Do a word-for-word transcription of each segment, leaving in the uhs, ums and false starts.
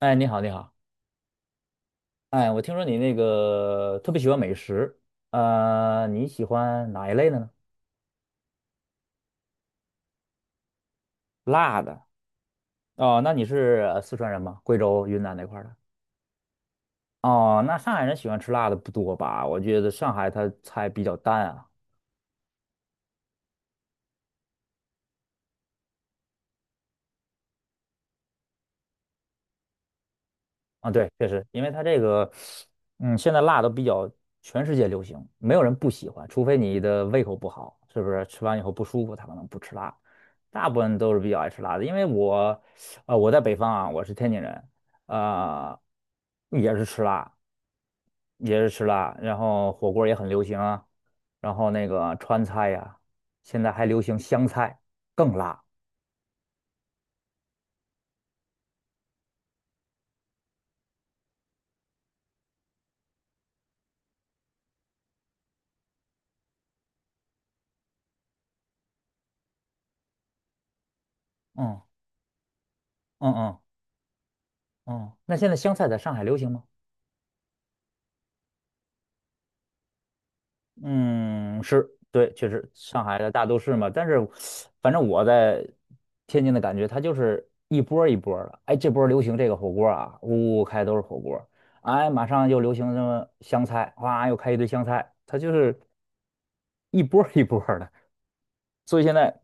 哎，你好，你好。哎，我听说你那个特别喜欢美食，呃，你喜欢哪一类的呢？辣的。哦，那你是呃四川人吗？贵州、云南那块儿的？哦，那上海人喜欢吃辣的不多吧？我觉得上海它菜比较淡啊。啊，对，确实，因为它这个，嗯，现在辣都比较全世界流行，没有人不喜欢，除非你的胃口不好，是不是？吃完以后不舒服，他可能不吃辣。大部分都是比较爱吃辣的，因为我，呃，我在北方啊，我是天津人，啊、也是吃辣，也是吃辣，然后火锅也很流行啊，然后那个川菜呀、现在还流行湘菜，更辣。嗯嗯。嗯嗯，那现在湘菜在上海流行吗？嗯，是，对，确实，上海的大都市嘛，但是反正我在天津的感觉，它就是一波儿一波儿的。哎，这波儿流行这个火锅儿啊，呜呜开都是火锅儿哎，马上又流行什么湘菜，哇，又开一堆湘菜，它就是一波儿一波儿的。所以现在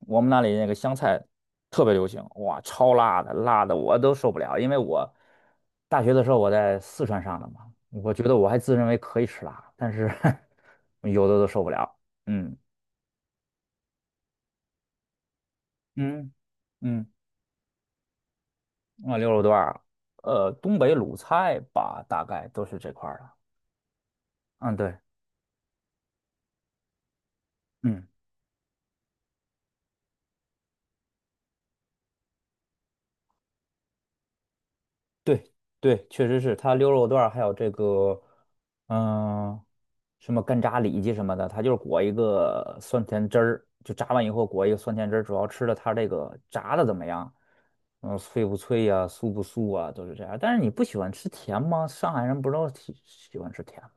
我们那里那个湘菜特别流行，哇，超辣的，辣的我都受不了。因为我大学的时候我在四川上的嘛，我觉得我还自认为可以吃辣，但是 有的都受不了。嗯。嗯嗯，啊，牛肉段儿，呃，东北鲁菜吧，大概都是这块儿的。嗯，对。嗯。对对，确实是它溜肉段儿，还有这个，嗯、什么干炸里脊什么的，它就是裹一个酸甜汁儿，就炸完以后裹一个酸甜汁儿，主要吃的它这个炸的怎么样，嗯、脆不脆呀、酥不酥啊，都是这样。但是你不喜欢吃甜吗？上海人不都喜喜欢吃甜吗？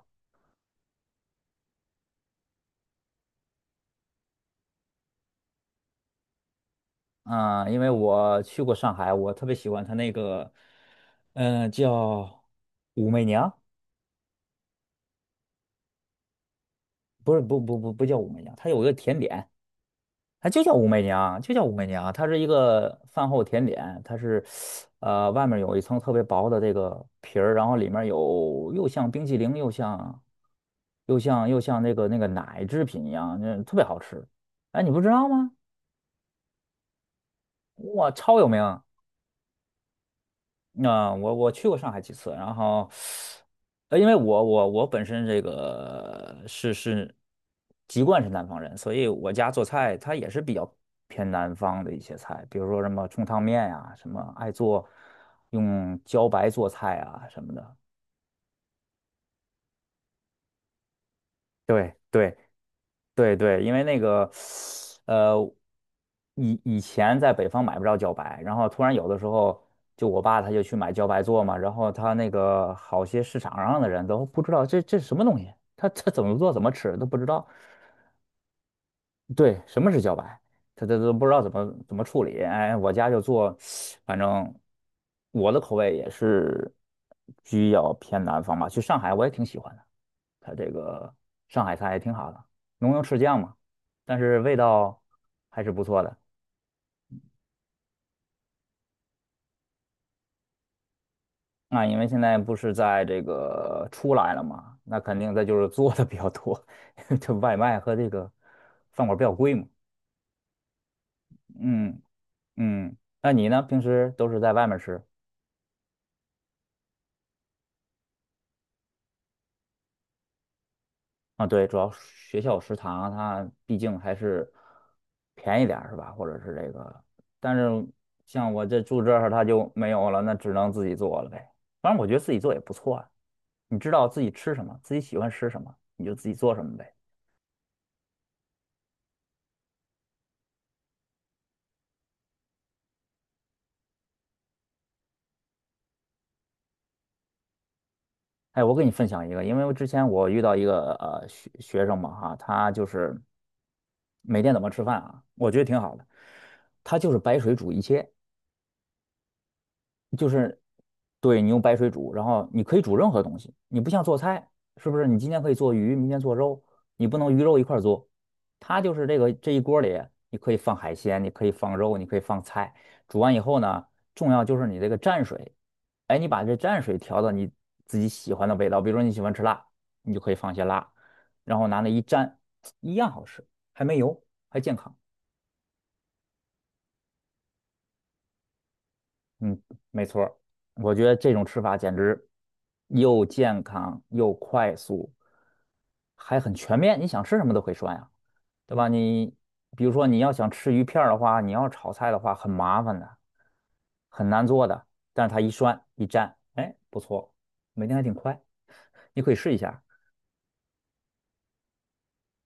啊、因为我去过上海，我特别喜欢它那个，嗯、叫武媚娘。不是不不不不叫武媚娘，它有一个甜点。它就叫武媚娘，就叫武媚娘，它是一个饭后甜点，它是，呃，外面有一层特别薄的这个皮儿，然后里面有又像冰淇淋，又像又像又像那个那个奶制品一样，那特别好吃。哎，你不知道吗？哇，超有名！那、我我去过上海几次，然后，呃，因为我我我本身这个是是籍贯是南方人，所以我家做菜它也是比较偏南方的一些菜，比如说什么冲汤面呀、什么爱做用茭白做菜啊什么的。对对。对对，因为那个，呃，以以前在北方买不着茭白，然后突然有的时候，就我爸他就去买茭白做嘛，然后他那个好些市场上的人都不知道这这是什么东西，他他怎么做怎么吃都不知道，对，什么是茭白？他他都不知道怎么怎么处理。哎，我家就做，反正我的口味也是比较偏南方吧。去上海我也挺喜欢的，它这个上海菜也挺好的，浓油赤酱嘛，但是味道还是不错的。那因为现在不是在这个出来了嘛，那肯定它就是做的比较多，因为这外卖和这个饭馆比较贵嘛。嗯嗯，那你呢？平时都是在外面吃？啊，对，主要学校食堂它毕竟还是便宜点儿是吧？或者是这个，但是像我这住这儿它就没有了，那只能自己做了呗。反正我觉得自己做也不错啊，你知道自己吃什么，自己喜欢吃什么，你就自己做什么呗。哎，我给你分享一个，因为我之前我遇到一个呃学学生嘛哈，他就是每天怎么吃饭啊，我觉得挺好的，他就是白水煮一切。就是对你用白水煮，然后你可以煮任何东西，你不像做菜，是不是？你今天可以做鱼，明天做肉，你不能鱼肉一块儿做。它就是这个这一锅里，你可以放海鲜，你可以放肉，你可以放菜。煮完以后呢，重要就是你这个蘸水，哎，你把这蘸水调到你自己喜欢的味道，比如说你喜欢吃辣，你就可以放些辣，然后拿那一蘸，一样好吃，还没油，还健康。嗯，没错儿。我觉得这种吃法简直又健康又快速，还很全面。你想吃什么都可以涮呀，对吧？你比如说你要想吃鱼片儿的话，你要炒菜的话很麻烦的，很难做的。但是它一涮一蘸，哎，不错，每天还挺快。你可以试一下，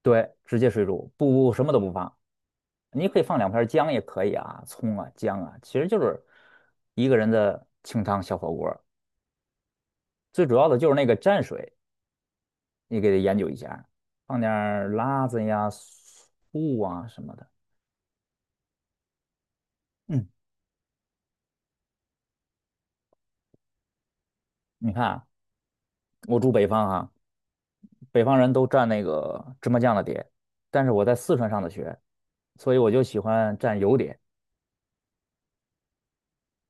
对，直接水煮，不不什么都不放，你可以放两片儿姜也可以啊，葱啊姜啊，其实就是一个人的清汤小火锅。最主要的就是那个蘸水，你给它研究一下，放点儿辣子呀、醋啊什么的。嗯，你看啊我住北方啊，北方人都蘸那个芝麻酱的碟，但是我在四川上的学，所以我就喜欢蘸油碟。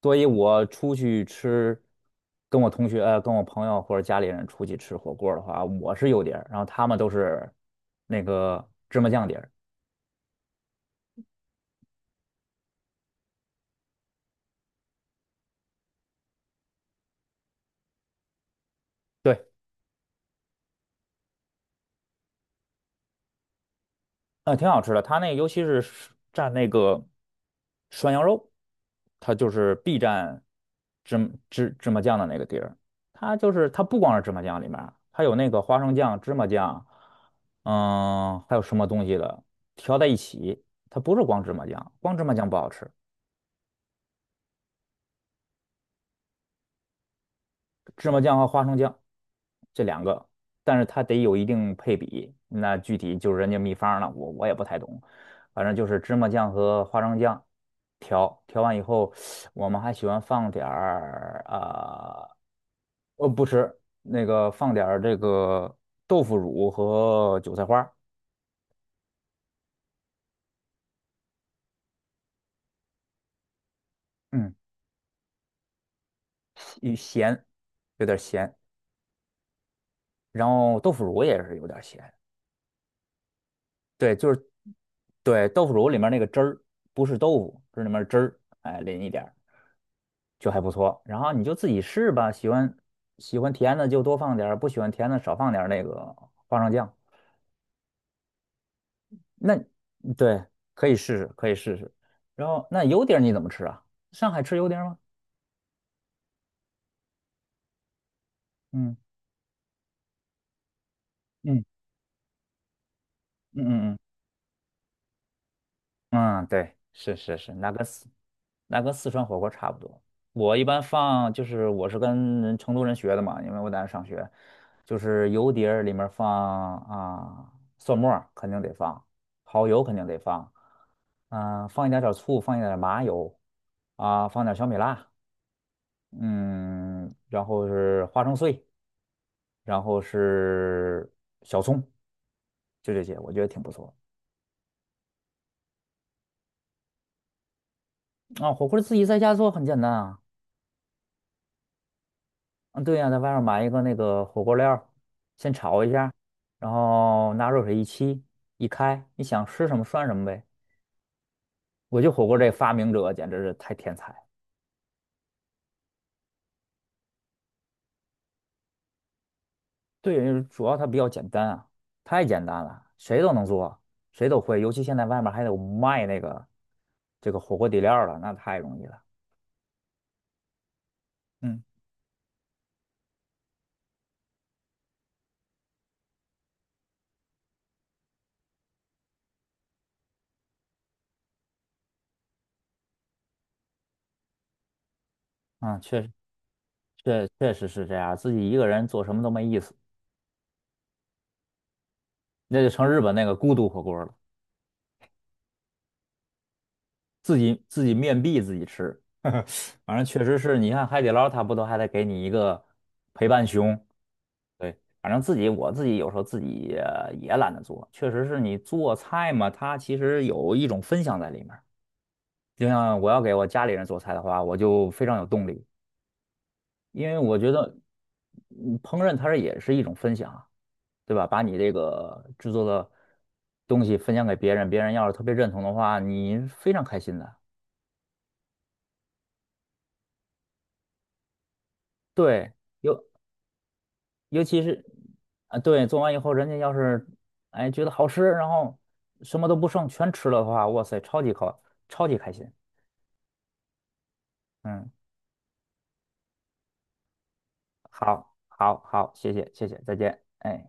所以我出去吃，跟我同学、呃、跟我朋友或者家里人出去吃火锅的话，我是油碟儿然后他们都是那个芝麻酱碟儿。对。呃，挺好吃的。它那个尤其是蘸那个涮羊肉，它就是必蘸芝芝芝麻酱的那个地儿。它就是它不光是芝麻酱里面儿，还有那个花生酱、芝麻酱，嗯，还有什么东西的调在一起。它不是光芝麻酱，光芝麻酱不好吃。芝麻酱和花生酱这两个，但是它得有一定配比。那具体就是人家秘方了，我我也不太懂。反正就是芝麻酱和花生酱调调完以后，我们还喜欢放点儿啊，呃，哦不吃那个放点儿这个豆腐乳和韭菜花。嗯，有咸，有点咸。然后豆腐乳也是有点咸，对，就是对豆腐乳里面那个汁儿，不是豆腐，是里面汁儿，哎，淋一点儿。就还不错。然后你就自己试吧，喜欢喜欢甜的就多放点儿，不喜欢甜的少放点儿那个花生酱。那对，可以试试，可以试试。然后那油碟儿你怎么吃啊？上海吃油碟儿吗？嗯嗯。嗯嗯嗯，嗯，嗯对，是是是，那个。四那跟四川火锅差不多。我一般放就是我是跟成都人学的嘛，因为我在那上学，就是油碟儿里面放啊蒜末儿肯定得放，蚝油肯定得放，嗯、放一点点醋，放一点点麻油，啊，放点小米辣，嗯，然后是花生碎，然后是小葱，就这些，我觉得挺不错。啊，火锅自己在家做很简单啊，嗯，对呀、在外面买一个那个火锅料儿，先炒一下，然后拿热水一沏，一开，你想吃什么涮什么呗。我觉得火锅这发明者简直是太天才了。对，主要它比较简单啊，太简单了，谁都能做，谁都会。尤其现在外面还有卖那个这个火锅底料儿了，那太容易了。嗯，啊，确实。确确实是这样，自己一个人做什么都没意思，那就成日本那个孤独火锅了。自己自己面壁自己吃，反正确实是你看海底捞，它不都还得给你一个陪伴熊？对，反正自己我自己有时候自己呃也懒得做，确实是你做菜嘛，它其实有一种分享在里面儿就像我要给我家里人做菜的话，我就非常有动力，因为我觉得嗯烹饪它是也是一种分享啊，对吧？把你这个制作的东西分享给别人，别人要是特别认同的话，你非常开心的。对。有。尤其是啊，对，做完以后，人家要是哎觉得好吃，然后什么都不剩，全吃了的话，哇塞，超级高，超级开心。嗯，好，好，好，谢谢，谢谢，再见。哎。